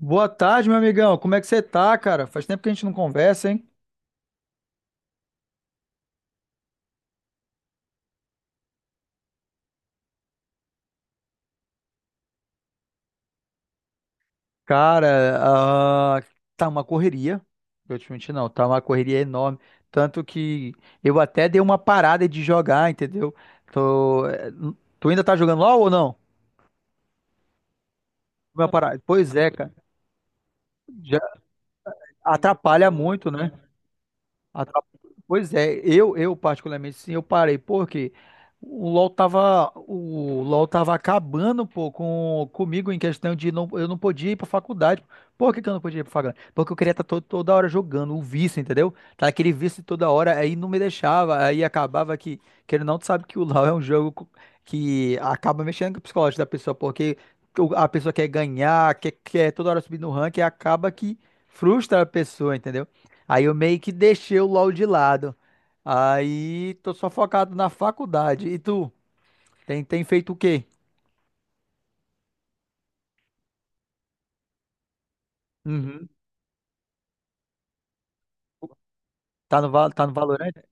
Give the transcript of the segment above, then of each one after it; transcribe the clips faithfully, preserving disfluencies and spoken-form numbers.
Boa tarde, meu amigão. Como é que você tá, cara? Faz tempo que a gente não conversa, hein? Cara, ah, tá uma correria. Eu te menti, não. Tá uma correria enorme. Tanto que eu até dei uma parada de jogar, entendeu? Tô... eh, Tu ainda tá jogando LOL ou não? Uma parada. Pois é, cara. Já atrapalha muito, né? Atra- Pois é, eu, eu particularmente sim, eu parei, porque o LoL tava, o LoL tava acabando, pô, com, comigo em questão de não, eu não podia ir pra faculdade. Por que que eu não podia ir pra faculdade? Porque eu queria estar toda hora jogando, o vício, entendeu? Tá aquele vício toda hora, aí não me deixava, aí acabava que, querendo ou não, tu sabe que o LoL é um jogo co- que acaba mexendo com o psicológico da pessoa, porque o- a pessoa quer ganhar, quer, quer toda hora subir no ranking, e acaba que frustra a pessoa, entendeu? Aí eu meio que deixei o LoL de lado. Aí tô só focado na faculdade. E tu, tem, tem feito o quê? Uhum. Tá no, Val- tá no Valorant?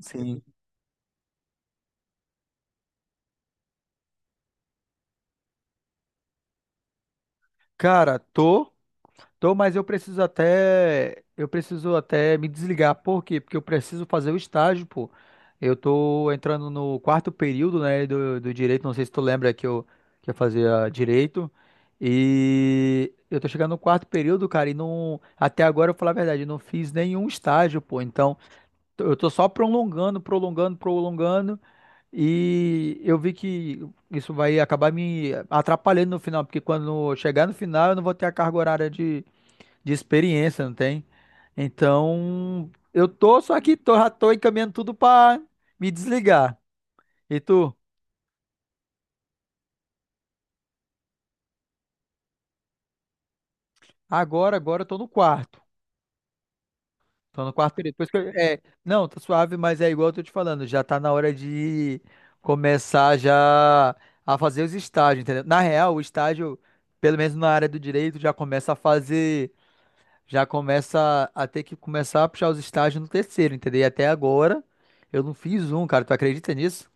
Sim. Cara, tô. Tô, mas eu preciso até, eu preciso até me desligar. Por quê? Porque eu preciso fazer o estágio, pô. Eu tô entrando no quarto período, né, do, do direito. Não sei se tu lembra que eu, que eu fazia direito. E eu tô chegando no quarto período, cara, e não, até agora, eu vou falar a verdade, eu não fiz nenhum estágio, pô. Então, t- eu tô só prolongando, prolongando, prolongando. E eu vi que isso vai acabar me atrapalhando no final, porque quando chegar no final, eu não vou ter a carga horária de de experiência, não tem? Então, eu tô, só que tô, já tô encaminhando tudo pra me desligar. E tu? Agora, agora eu tô no quarto. Tô no quarto período. Depois que eu- é, não, tá suave, mas é igual eu tô te falando, já tá na hora de começar já a fazer os estágios, entendeu? Na real, o estágio, pelo menos na área do direito, já começa a fazer, já começa a ter que começar a puxar os estágios no terceiro, entendeu? E até agora eu não fiz um, cara. Tu acredita nisso?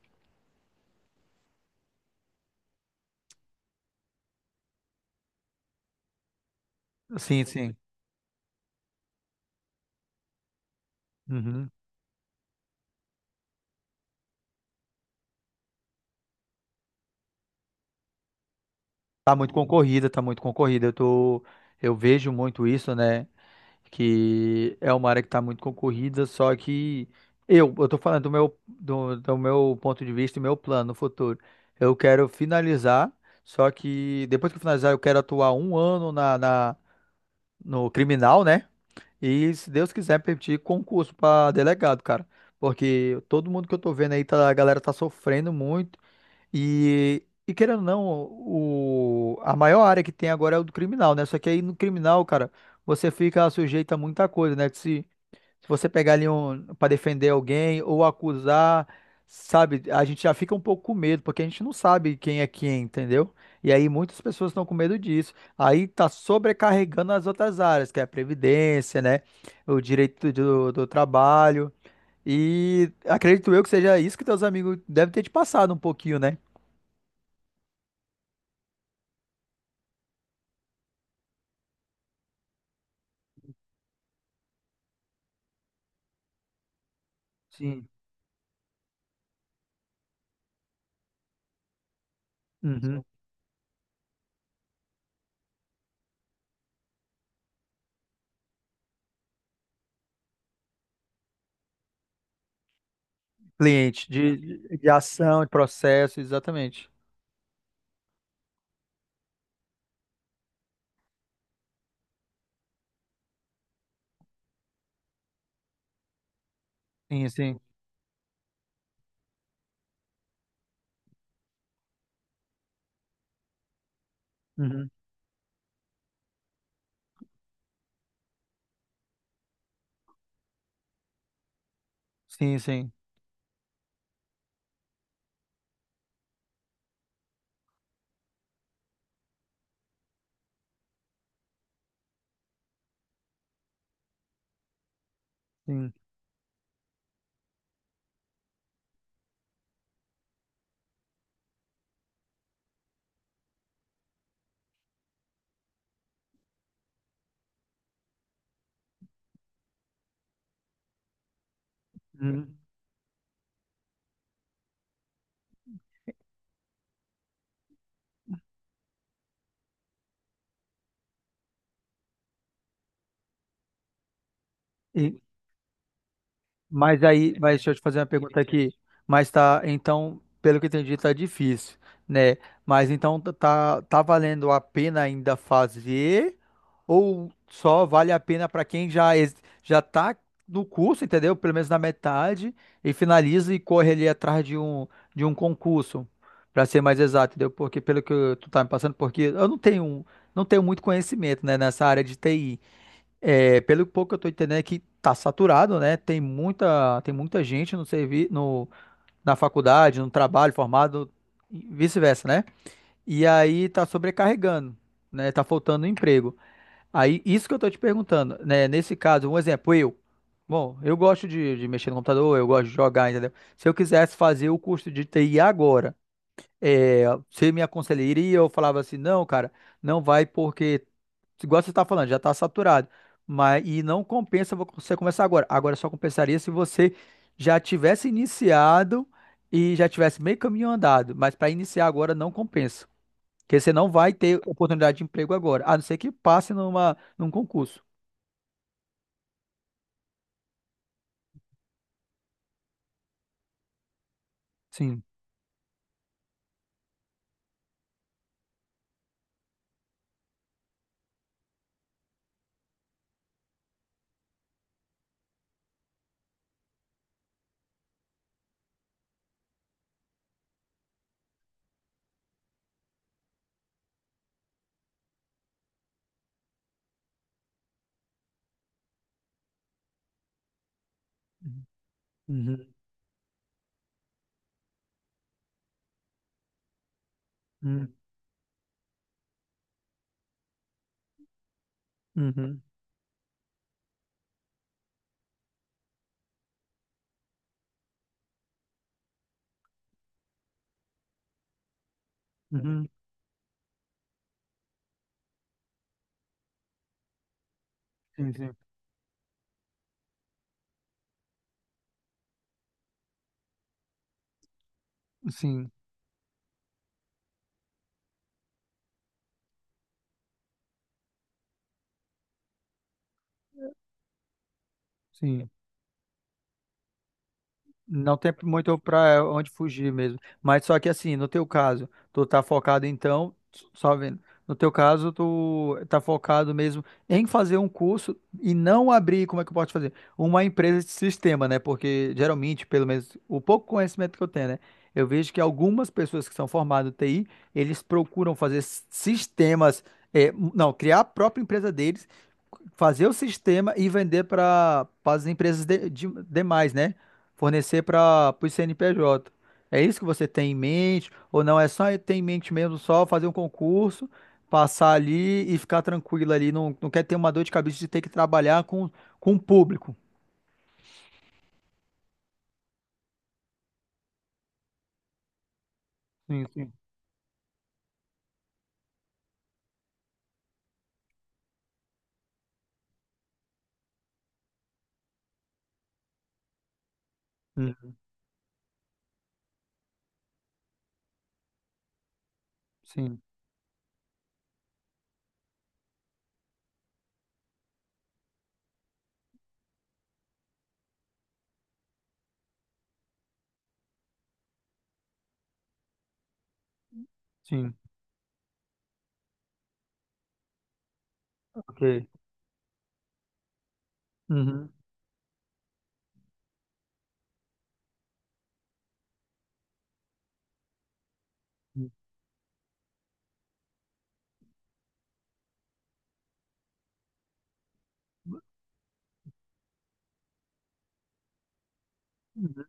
Sim, sim. Uhum. Tá muito concorrida, tá muito concorrida. Eu tô, eu vejo muito isso, né? Que é uma área que tá muito concorrida, só que eu, eu tô falando do meu, do, do meu ponto de vista e meu plano no futuro. Eu quero finalizar, só que depois que eu finalizar, eu quero atuar um ano na, na, no criminal, né? E se Deus quiser, permitir concurso pra delegado, cara. Porque todo mundo que eu tô vendo aí, tá, a galera tá sofrendo muito. E, e querendo ou não, o, a maior área que tem agora é o do criminal, né? Só que aí no criminal, cara, você fica sujeito a muita coisa, né? Que se, se você pegar ali um, para defender alguém ou acusar, sabe? A gente já fica um pouco com medo, porque a gente não sabe quem é quem, entendeu? E aí muitas pessoas estão com medo disso. Aí tá sobrecarregando as outras áreas, que é a previdência, né? O direito do, do trabalho. E acredito eu que seja isso que teus amigos devem ter te passado um pouquinho, né? Sim. Uhum. Cliente, de, de de ação, de processo, exatamente. Sim, sim. Uhum. Sim, sim, sim. Uhum. E, Mas aí, mas deixa eu te fazer uma pergunta aqui. Mas tá, então, pelo que eu entendi, tá difícil, né? Mas então tá, tá valendo a pena ainda fazer ou só vale a pena para quem já ex- já tá no curso, entendeu? Pelo menos na metade e finaliza e corre ali atrás de um de um concurso, para ser mais exato, entendeu? Porque pelo que eu- tu tá me passando, porque eu não tenho não tenho muito conhecimento, né, nessa área de T I. É, pelo pouco que eu tô entendendo é que tá saturado, né? Tem muita, tem muita gente no servi no, na faculdade, no trabalho, formado, e vice-versa, né? E aí tá sobrecarregando, né? Tá faltando emprego. Aí, isso que eu tô te perguntando, né? Nesse caso, um exemplo, eu. Bom, eu gosto de, de mexer no computador, eu gosto de jogar, entendeu? Se eu quisesse fazer o curso de T I agora, é, você me aconselharia? Eu falava assim, não, cara, não vai porque, igual você está falando, já está saturado. Mas, e não compensa vo- você começar agora. Agora só compensaria se você já tivesse iniciado e já tivesse meio caminho andado. Mas para iniciar agora não compensa. Porque você não vai ter oportunidade de emprego agora, a não ser que passe numa, num concurso. Sim. Uhum, uhum, uhum, uhum. Sim, sim. Sim, sim. Não tem muito para onde fugir mesmo. Mas só que assim, no teu caso, tu tá focado então, só vendo. No teu caso, tu tá focado mesmo em fazer um curso e não abrir, como é que eu posso fazer? Uma empresa de sistema, né? Porque geralmente, pelo menos o pouco conhecimento que eu tenho, né? Eu vejo que algumas pessoas que são formadas em T I, eles procuram fazer s- sistemas, é, não, criar a própria empresa deles fazer o sistema e vender para as empresas de- de- demais, né? Fornecer para o C N P J. É isso que você tem em mente? Ou não? É só ter em mente mesmo só fazer um concurso, passar ali e ficar tranquilo ali. Não, não quer ter uma dor de cabeça de ter que trabalhar com, com o público. Sim, sim. Hum, Sim, sim. Ok. Uhum. Uhum.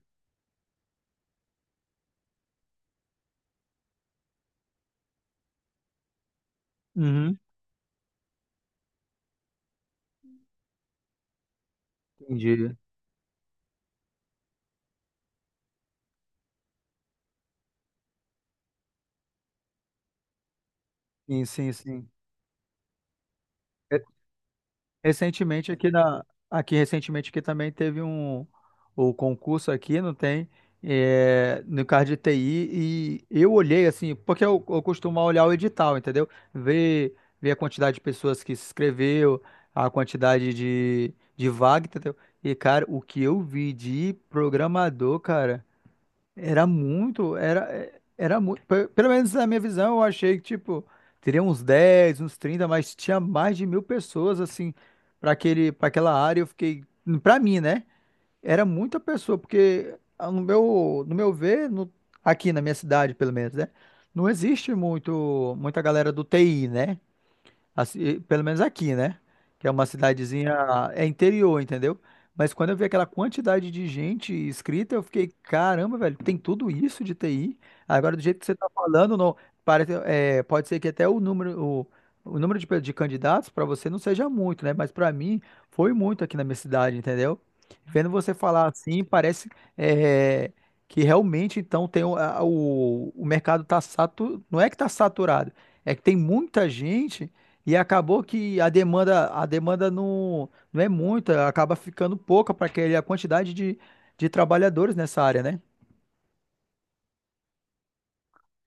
Uhum. Entendi. Sim, sim, sim. É, Recentemente aqui na aqui recentemente aqui também teve um o concurso aqui, não tem, é, no card de T I e eu olhei assim, porque eu, eu costumo olhar o edital, entendeu? Ver ver a quantidade de pessoas que se inscreveu, a quantidade de de vaga, entendeu? E cara, o que eu vi de programador, cara, era muito, era, é, era muito. Pelo menos na minha visão, eu achei que, tipo, teria uns dez, uns trinta mas tinha mais de mil pessoas, assim, para aquele, para aquela área. Eu fiquei, para mim, né? Era muita pessoa, porque ah, no meu, no meu ver, no- aqui na minha cidade, pelo menos, né? Não existe muito, muita galera do T I, né? assim, pelo menos aqui, né? Que é uma cidadezinha, é interior, entendeu? Mas quando eu vi aquela quantidade de gente inscrita, eu fiquei, caramba, velho, tem tudo isso de T I. Agora, do jeito que você tá falando, não, parece, é, pode ser que até o número, o, o número de, pe- de candidatos para você não seja muito, né? Mas para mim foi muito aqui na minha cidade, entendeu? Vendo você falar assim, parece é, que realmente então tem o, a- o, o mercado tá saturado, não é que tá saturado, é que tem muita gente e acabou que a demanda, a demanda não, não é muita, acaba ficando pouca para a quantidade de, de trabalhadores nessa área, né?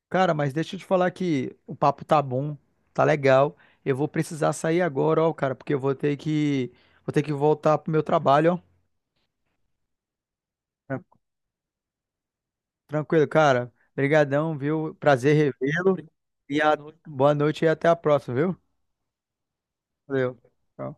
Cara, mas deixa eu te falar que o papo tá bom, tá legal. Eu vou precisar sair agora, ó, cara, porque eu vou ter que, vou ter que voltar pro meu trabalho, ó. Tran- Tranquilo, cara. Obrigadão, viu? Prazer revê-lo. E a, boa noite e até a próxima, viu? Valeu. Tchau.